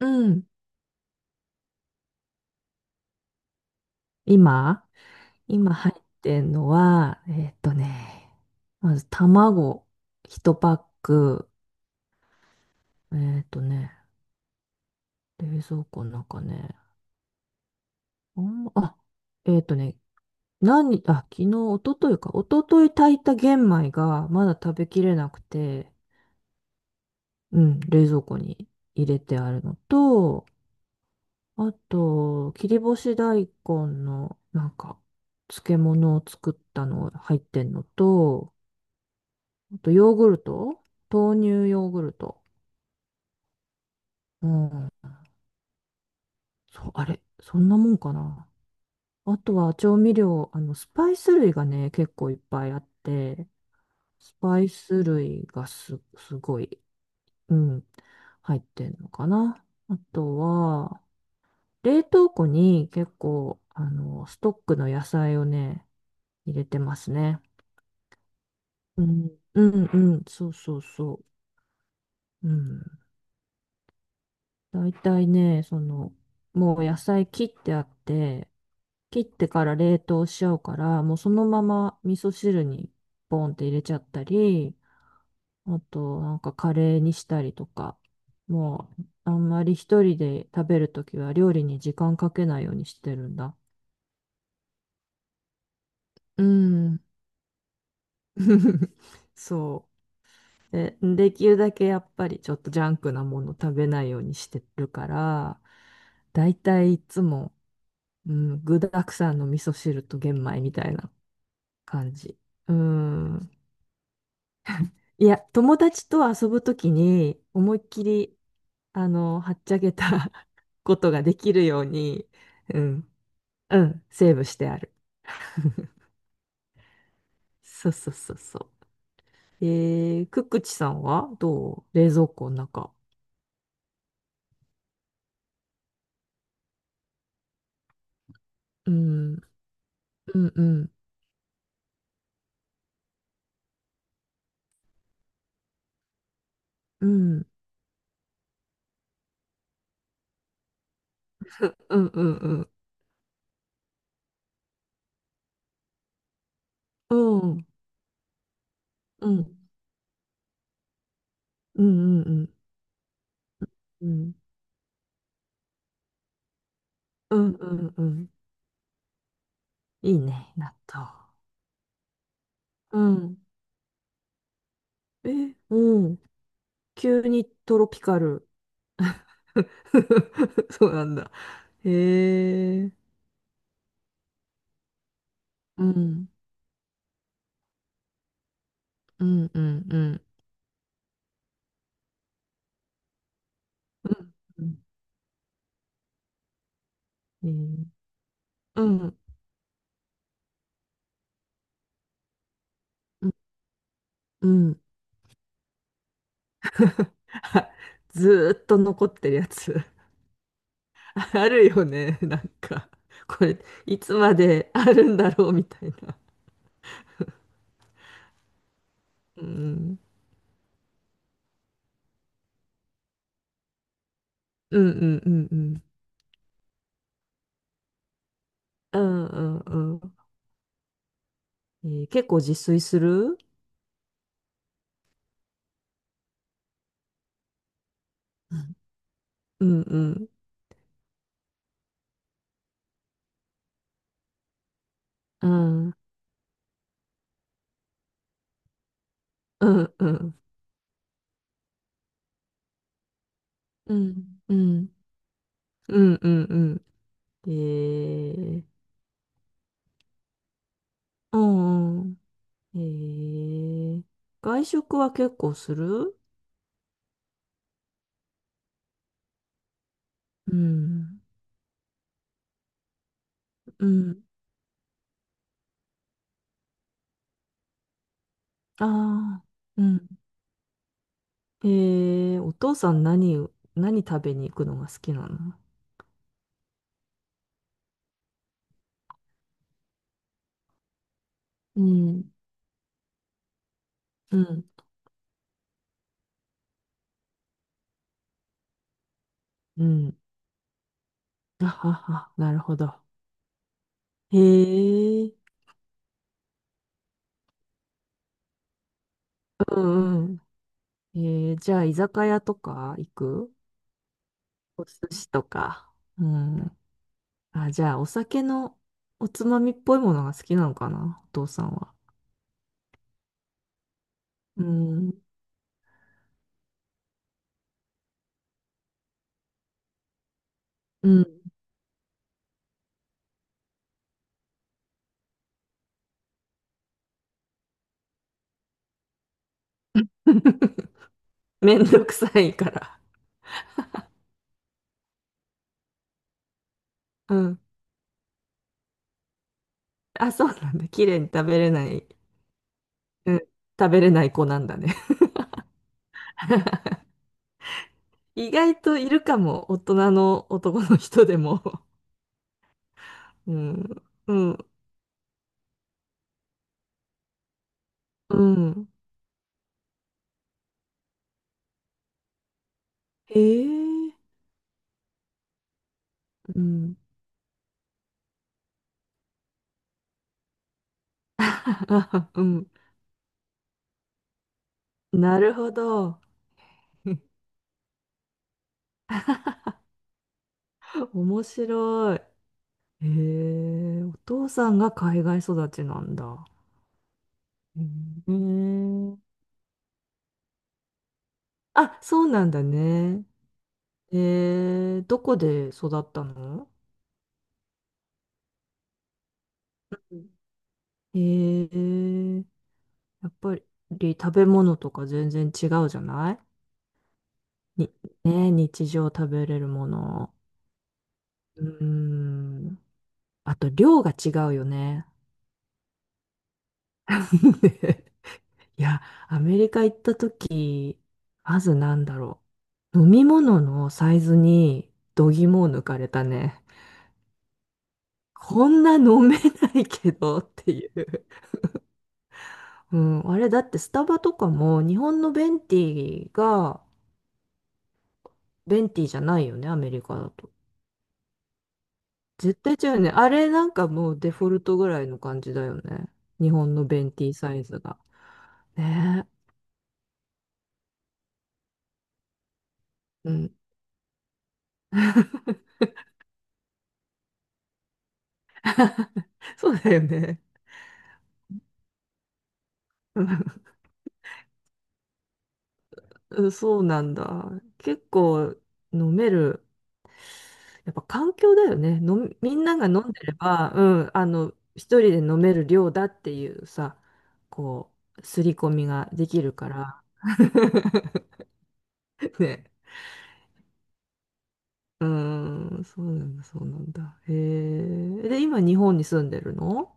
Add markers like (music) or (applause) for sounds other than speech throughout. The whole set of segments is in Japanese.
うん。今、今入ってんのは、まず卵一パック、えっとね、冷蔵庫の中ね、あんま、あ、えっとね、昨日、一昨日か、一昨日炊いた玄米がまだ食べきれなくて、うん、冷蔵庫に入れてあるのと、あと、切り干し大根の、なんか、漬物を作ったの入ってんのと、あとヨーグルト豆乳ヨーグルト。うん。そう、あれ、そんなもんかな。あとは調味料、スパイス類がね、結構いっぱいあって、スパイス類がす、すごい、うん、入ってんのかな。あとは、冷凍庫に結構、ストックの野菜をね、入れてますね。うん、うん、うん、そうそうそう。うん。大体ね、その、もう野菜切ってあって、切ってから冷凍しちゃうから、もうそのまま味噌汁にポンって入れちゃったり、あとなんかカレーにしたりとか、もうあんまり一人で食べるときは料理に時間かけないようにしてるんだ。うん。(laughs) そう。で、できるだけやっぱりちょっとジャンクなもの食べないようにしてるから、だいたいいつもうん、具沢山の味噌汁と玄米みたいな感じ。うん。いや、友達と遊ぶときに思いっきり、はっちゃけた (laughs) ことができるように、うん、うん、セーブしてある。そうそうそうそう。くっくちさんはどう冷蔵庫の中。うん、うん、うん、うん、うん、うん、うん、うん、うん、うん、うん、うん、うん、うん、うん、いいね、納豆。うん。え、うん。急にトロピカル。(laughs) そうなんだ。へえ。うん。うん、うん、うん。うん、うん。うん、うん。うんうん、あずーっと残ってるやつ。(laughs) あるよね。なんか、これ、いつまであるんだろうみたいな。うん。うん、うん、うん、うん。うん、うん、うん。えー結構自炊するうん、うん、うん。うん、うん、うん。うん、うん。うんうんうん。ええ、うんうん。ええ、外食は結構するうん。うん。ああ、うん。ええ、お父さん何、何食べに行くのが好きなの？うん。うん。うん。あはは、なるほど。へえ、うんうん。ええ、じゃあ居酒屋とか行く、お寿司とか。うん。あ、じゃあ、お酒のおつまみっぽいものが好きなのかな、お父さんは。うん。うん。(laughs) めんどくさいから。うん。あ、そうなんだ。綺麗に食べれない。うん。食べれない子なんだね。(laughs) 意外といるかも。大人の男の人でも。(laughs) うん。うん。うん。へえ。うん。(laughs) あ、うん。なるほど。(laughs) 面白い。へえ。お父さんが海外育ちなんだ。うん。え、あ、そうなんだね。どこで育ったの？うん、えー、やっぱり食べ物とか全然違うじゃない、に、ね、日常食べれるもの。うーん。あと量が違うよね。(laughs) いや、アメリカ行った時、まずなんだろう。飲み物のサイズに度肝を抜かれたね。こんな飲めないけどっていう。うん、あれだってスタバとかも日本のベンティが、ベンティじゃないよね、アメリカだと。絶対違うよね。あれなんかもうデフォルトぐらいの感じだよね。日本のベンティサイズが。ねえ。うん。(laughs) そうだよね。うん、そうなんだ。結構飲める。やっぱ環境だよね。みんなが飲んでれば、うん、一人で飲める量だっていうさ、こう、刷り込みができるから。(laughs) ね。うーん、そうなんだ、そうなんだ。へえ。で、今日本に住んでるの？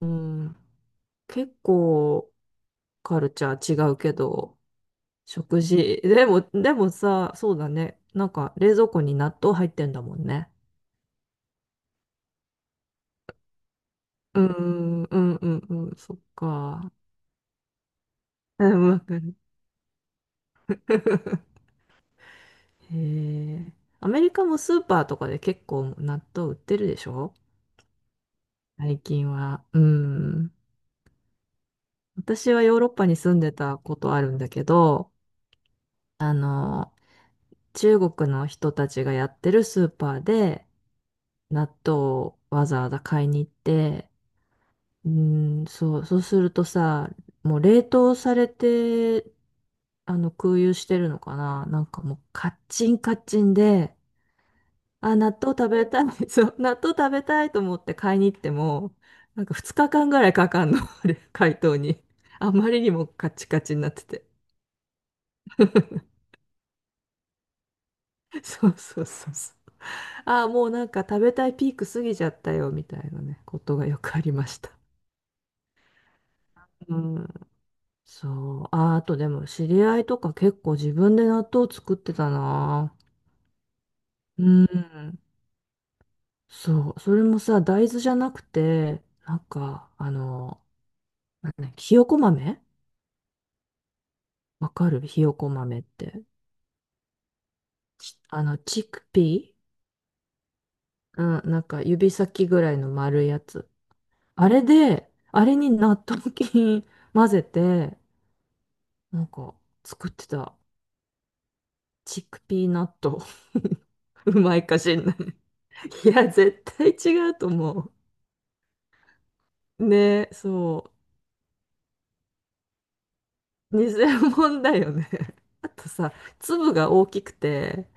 うん。結構カルチャー違うけど、食事。でも、でもさ、そうだね。なんか冷蔵庫に納豆入ってんだもんね。うーん、うん、うん、うん、そっか。(laughs) うん、わかる。(laughs) へえ。アメリカもスーパーとかで結構納豆売ってるでしょ、最近は。うん。私はヨーロッパに住んでたことあるんだけど、中国の人たちがやってるスーパーで納豆をわざわざ買いに行って、うーん、そう、そうするとさ、もう冷凍されて、空輸してるのかな、なんかもうカッチンカッチンで、あ、納豆食べたい、(laughs) そう、納豆食べたいと思って買いに行っても、なんか2日間ぐらいかかんの、あれ、解凍に。あまりにもカチカチになってて。そうそうそうそう。ああ、もうなんか食べたいピーク過ぎちゃったよ、みたいなね、ことがよくありました。うん。そう。あ、あとでも知り合いとか結構自分で納豆作ってたな。うん。そう。それもさ、大豆じゃなくて、なんか、なんだっけひよこ豆、わかるひよこ豆って。チックピーうん、なんか指先ぐらいの丸いやつ。あれで、あれに納豆菌混ぜて、なんか作ってた。チックピーナット。(laughs) うまいかしんない。いや、絶対違うと思う。ね、そう。偽物だよね。(laughs) あとさ、粒が大きくて、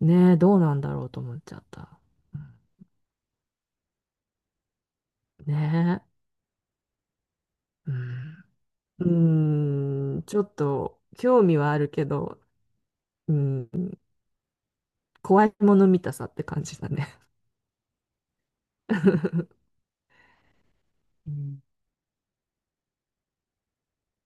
ね、どうなんだろうと思っちゃった。うんね、うん。うーん、ちょっと興味はあるけど、うん、怖いもの見たさって感じだね。(laughs) うん